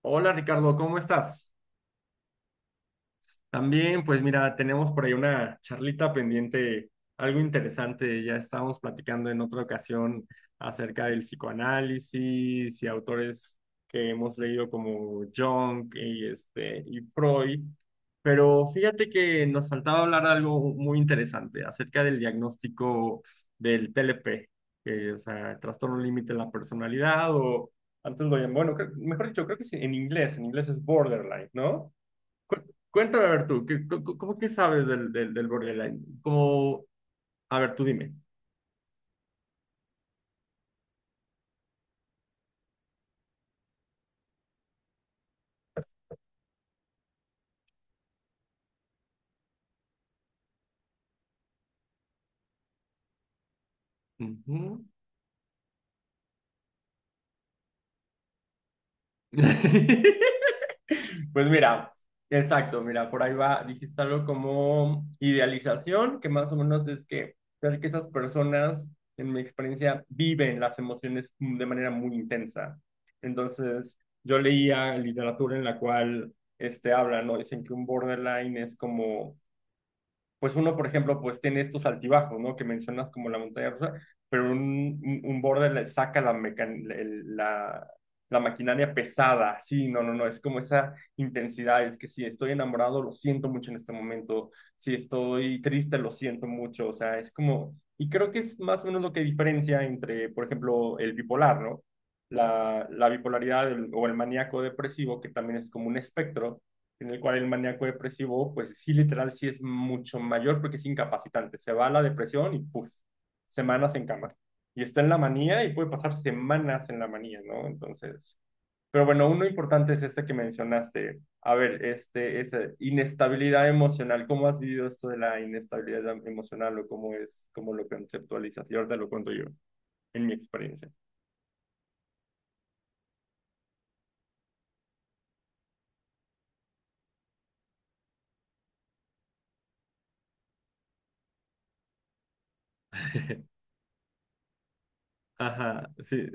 Hola Ricardo, ¿cómo estás? También, pues mira, tenemos por ahí una charlita pendiente, algo interesante. Ya estábamos platicando en otra ocasión acerca del psicoanálisis y autores que hemos leído como Jung y Freud. Pero fíjate que nos faltaba hablar de algo muy interesante acerca del diagnóstico del TLP, que, o sea, trastorno límite de la personalidad, o antes lo llaman, bueno, mejor dicho, creo que sí, en inglés es borderline, ¿no? Cu- Cuéntame, a ver tú, ¿cómo que sabes del borderline? Como, a ver, tú dime. Ujú. Pues mira, exacto, mira, por ahí va, dijiste algo como idealización, que más o menos es que, ver que esas personas, en mi experiencia, viven las emociones de manera muy intensa. Entonces, yo leía literatura en la cual hablan, ¿no? Dicen que un borderline es como, pues uno, por ejemplo, pues tiene estos altibajos, ¿no?, que mencionas como la montaña rusa, pero un border le saca la, mecan- el- la maquinaria pesada. Sí, no, no, no, es como esa intensidad, es que si estoy enamorado, lo siento mucho en este momento, si estoy triste, lo siento mucho, o sea, es como, y creo que es más o menos lo que diferencia entre, por ejemplo, el bipolar, ¿no? La bipolaridad, o el maníaco depresivo, que también es como un espectro, en el cual el maníaco depresivo, pues sí, literal, sí es mucho mayor porque es incapacitante. Se va a la depresión y puff, semanas en cama. Y está en la manía y puede pasar semanas en la manía, ¿no? Entonces, pero bueno, uno importante es este que mencionaste. A ver, esa inestabilidad emocional. ¿Cómo has vivido esto de la inestabilidad emocional, o cómo es, cómo lo conceptualizas? Y ahora te lo cuento yo, en mi experiencia. Ajá, sí,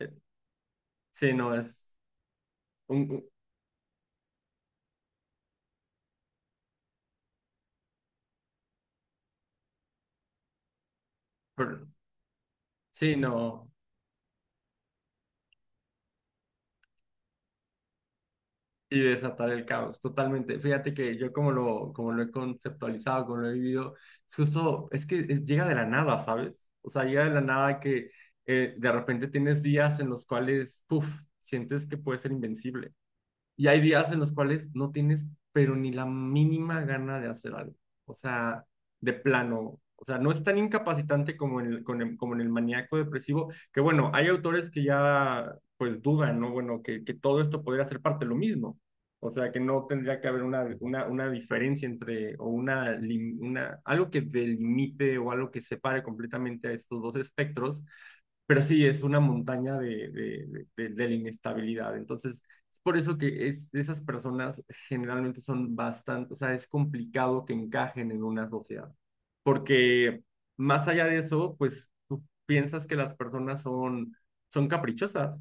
eh, sí, no, es un, un- pero- sí, no. Y desatar el caos, totalmente. Fíjate que yo como lo he conceptualizado, como lo he vivido, es justo, es que llega de la nada, ¿sabes? O sea, llega de la nada que de repente tienes días en los cuales, puff, sientes que puedes ser invencible. Y hay días en los cuales no tienes, pero ni la mínima gana de hacer algo. O sea, de plano. O sea, no es tan incapacitante como en el, con el- como en el maníaco depresivo, que bueno, hay autores que ya pues dudan, ¿no? Bueno, que todo esto podría ser parte de lo mismo. O sea, que no tendría que haber una, una diferencia entre, o una, una, algo que delimite o algo que separe completamente a estos dos espectros, pero sí es una montaña de la inestabilidad. Entonces, es por eso que es, esas personas generalmente son bastante, o sea, es complicado que encajen en una sociedad, porque más allá de eso, pues tú piensas que las personas son, caprichosas,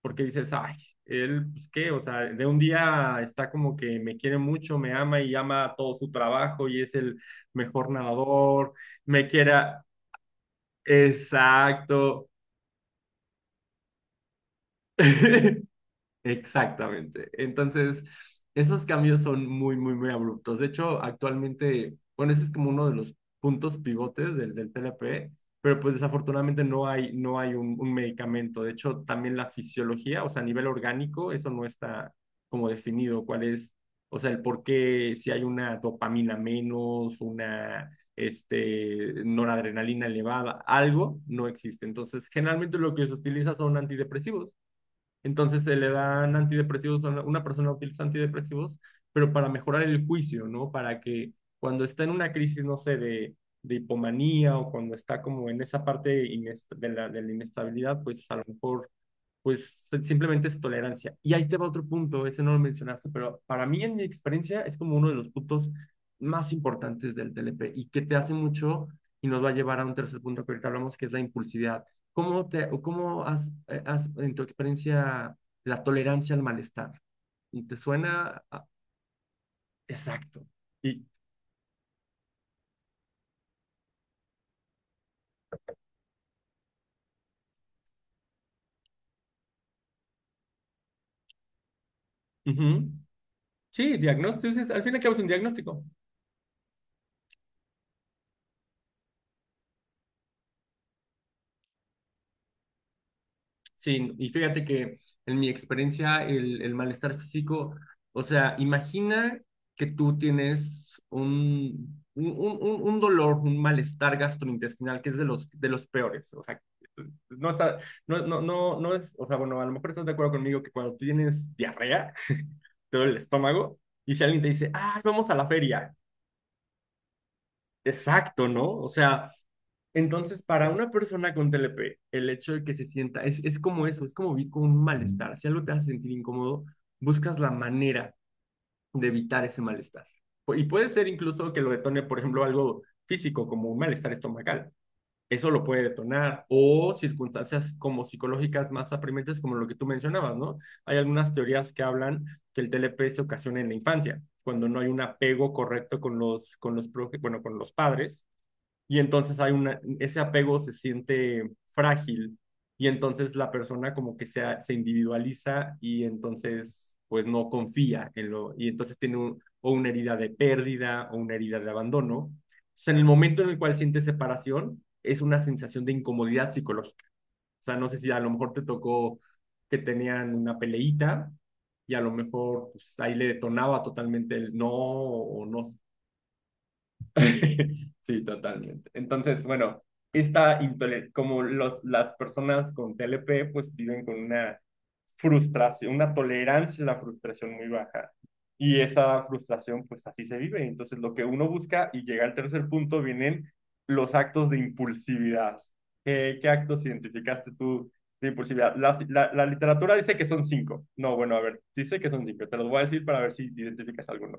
porque dices, ay, él, pues qué, o sea, de un día está como que me quiere mucho, me ama y ama todo su trabajo y es el mejor nadador, me quiera, exacto. Exactamente. Entonces, esos cambios son muy, muy, muy abruptos. De hecho, actualmente, bueno, ese es como uno de los puntos pivotes del TLP, pero pues desafortunadamente no hay un medicamento. De hecho, también la fisiología, o sea, a nivel orgánico, eso no está como definido cuál es, o sea, el por qué, si hay una dopamina menos, una noradrenalina elevada, algo no existe. Entonces, generalmente lo que se utiliza son antidepresivos. Entonces se le dan antidepresivos, a una persona utiliza antidepresivos, pero para mejorar el juicio, ¿no? Para que cuando está en una crisis, no sé, de hipomanía, o cuando está como en esa parte de la inestabilidad, pues a lo mejor pues si, simplemente es tolerancia. Y ahí te va otro punto, ese no lo mencionaste, pero para mí en mi experiencia es como uno de los puntos más importantes del TLP y que te hace mucho y nos va a llevar a un tercer punto que ahorita hablamos, que es la impulsividad. ¿Cómo, te, o cómo has, has en tu experiencia la tolerancia al malestar? ¿Te suena? Exacto. Y, ujú. Sí, diagnóstico, al fin y al cabo es un diagnóstico. Sí, y fíjate que en mi experiencia el malestar físico, o sea, imagina que tú tienes un dolor, un malestar gastrointestinal que es de los peores, o sea, no está, no, no, no, no es, o sea, bueno, a lo mejor estás de acuerdo conmigo que cuando tienes diarrea, te duele el estómago, y si alguien te dice, ay, vamos a la feria, exacto, ¿no? O sea, entonces, para una persona con TLP, el hecho de que se sienta, es como eso, es como vivir con un malestar. Si algo te hace sentir incómodo, buscas la manera de evitar ese malestar. Y puede ser incluso que lo detone, por ejemplo, algo físico, como un malestar estomacal. Eso lo puede detonar. O circunstancias como psicológicas más apremiantes, como lo que tú mencionabas, ¿no? Hay algunas teorías que hablan que el TLP se ocasiona en la infancia, cuando no hay un apego correcto con los, bueno, con los padres, y entonces hay una, ese apego se siente frágil y entonces la persona como que se individualiza, y entonces pues no confía en lo, y entonces tiene o una herida de pérdida, o una herida de abandono. O en el momento en el cual siente separación, es una sensación de incomodidad psicológica. O sea, no sé si a lo mejor te tocó que tenían una peleíta y a lo mejor pues, ahí le detonaba totalmente el no o no. Sí, totalmente. Entonces, bueno, como las personas con TLP, pues viven con una frustración, una tolerancia a la frustración muy baja. Y esa frustración, pues así se vive. Entonces, lo que uno busca y llega al tercer punto, vienen los actos de impulsividad. ¿Qué actos identificaste tú de impulsividad? La literatura dice que son cinco. No, bueno, a ver, dice que son cinco. Te los voy a decir para ver si identificas alguno.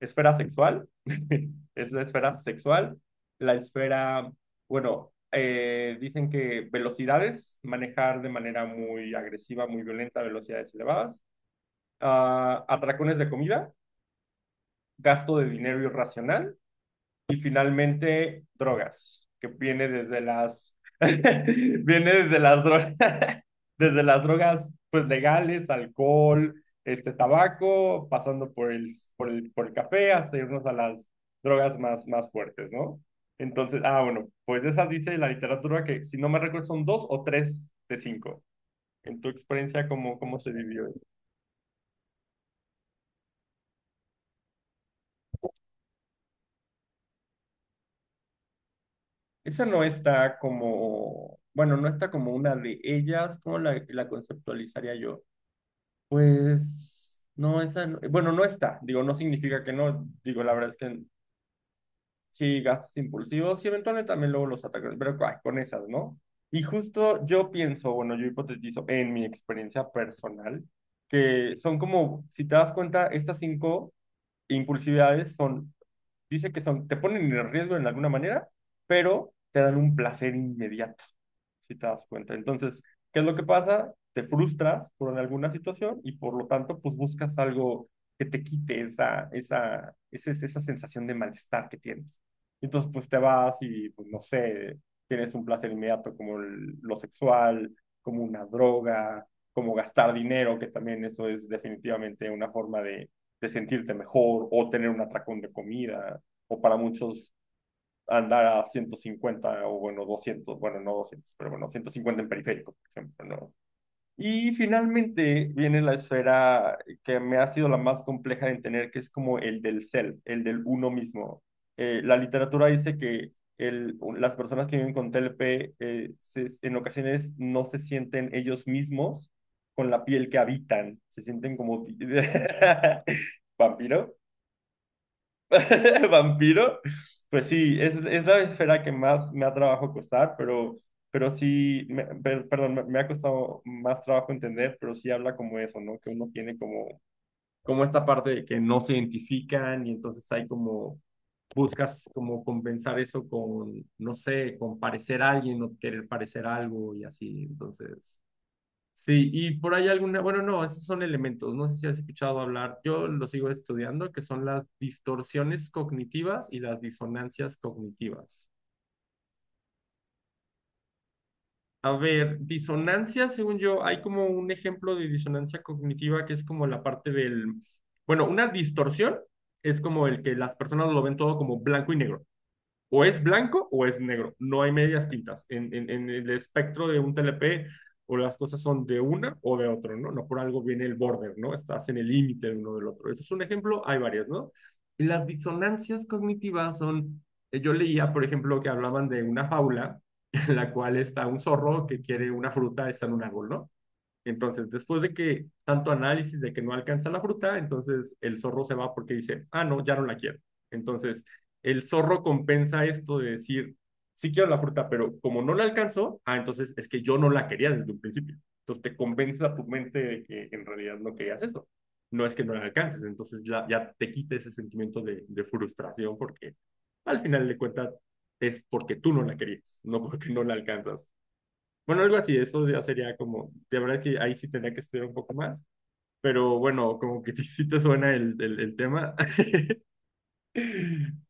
Esfera sexual, es la esfera sexual, la esfera, bueno, dicen que velocidades, manejar de manera muy agresiva, muy violenta, velocidades elevadas, ah, atracones de comida, gasto de dinero irracional, y finalmente, drogas, que viene desde las, viene desde las drogas, desde las drogas pues legales, alcohol, tabaco, pasando por el café, hasta irnos a las drogas más, más fuertes, ¿no? Entonces, ah, bueno, pues esas dice la literatura que, si no me recuerdo, son dos o tres de cinco. En tu experiencia, ¿cómo se vivió? Esa no está como, bueno, no está como una de ellas. ¿Cómo la conceptualizaría yo? Pues no, esa, bueno, no está, digo, no significa que no, digo, la verdad es que sí, gastos impulsivos y eventualmente también luego los ataques, pero ay, con esas, ¿no? Y justo yo pienso, bueno, yo hipotetizo en mi experiencia personal, que son como, si te das cuenta, estas cinco impulsividades son. Dice que son, te ponen en riesgo en alguna manera, pero te dan un placer inmediato, si te das cuenta. Entonces, ¿qué es lo que pasa? Te frustras por alguna situación y por lo tanto, pues buscas algo que te quite esa, esa sensación de malestar que tienes. Entonces, pues te vas y, pues no sé, tienes un placer inmediato como lo sexual, como una droga, como gastar dinero, que también eso es definitivamente una forma de sentirte mejor, o tener un atracón de comida, o para muchos andar a 150, o bueno, 200, bueno, no 200, pero bueno, 150 en periférico, por ejemplo, ¿no? Y finalmente viene la esfera que me ha sido la más compleja de entender, que es como el del self, el del uno mismo. La literatura dice que las personas que viven con TLP en ocasiones no se sienten ellos mismos con la piel que habitan, se sienten como vampiro. Vampiro, pues sí, es la esfera que más me ha trabajo costar, pero, sí, perdón, me ha costado más trabajo entender, pero sí habla como eso, ¿no? Que uno tiene como, como esta parte de que no se identifican y entonces hay como, buscas como compensar eso con, no sé, con parecer a alguien o querer parecer algo y así, entonces... Sí, y por ahí alguna, bueno, no, esos son elementos, no sé si has escuchado hablar, yo lo sigo estudiando, que son las distorsiones cognitivas y las disonancias cognitivas. A ver, disonancia, según yo, hay como un ejemplo de disonancia cognitiva que es como la parte del, bueno, una distorsión es como el que las personas lo ven todo como blanco y negro. O es blanco o es negro. No hay medias tintas. En el espectro de un TLP, o las cosas son de una o de otro, ¿no? No por algo viene el border, ¿no? Estás en el límite de uno del otro. Ese es un ejemplo, hay varias, ¿no? Y las disonancias cognitivas son, yo leía, por ejemplo, que hablaban de una fábula en la cual está un zorro que quiere una fruta, está en un árbol, ¿no? Entonces, después de que tanto análisis de que no alcanza la fruta, entonces el zorro se va porque dice, ah, no, ya no la quiero. Entonces, el zorro compensa esto de decir, sí quiero la fruta, pero como no la alcanzó, ah, entonces es que yo no la quería desde un principio. Entonces, te convences a tu mente de que en realidad no querías eso. No es que no la alcances, entonces ya te quita ese sentimiento de frustración, porque al final de cuentas es porque tú no la querías, no porque no la alcanzas. Bueno, algo así, eso ya sería como, de verdad que ahí sí tendría que estudiar un poco más, pero bueno, como que sí te suena el tema.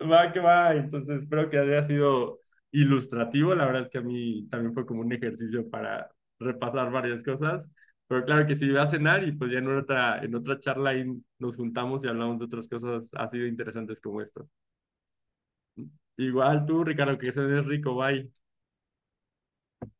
Va, que va, entonces espero que haya sido ilustrativo, la verdad es que a mí también fue como un ejercicio para repasar varias cosas, pero claro que sí, voy a cenar y pues ya en otra charla ahí nos juntamos y hablamos de otras cosas así de interesantes como esto. Igual tú, Ricardo, que se rico, bye.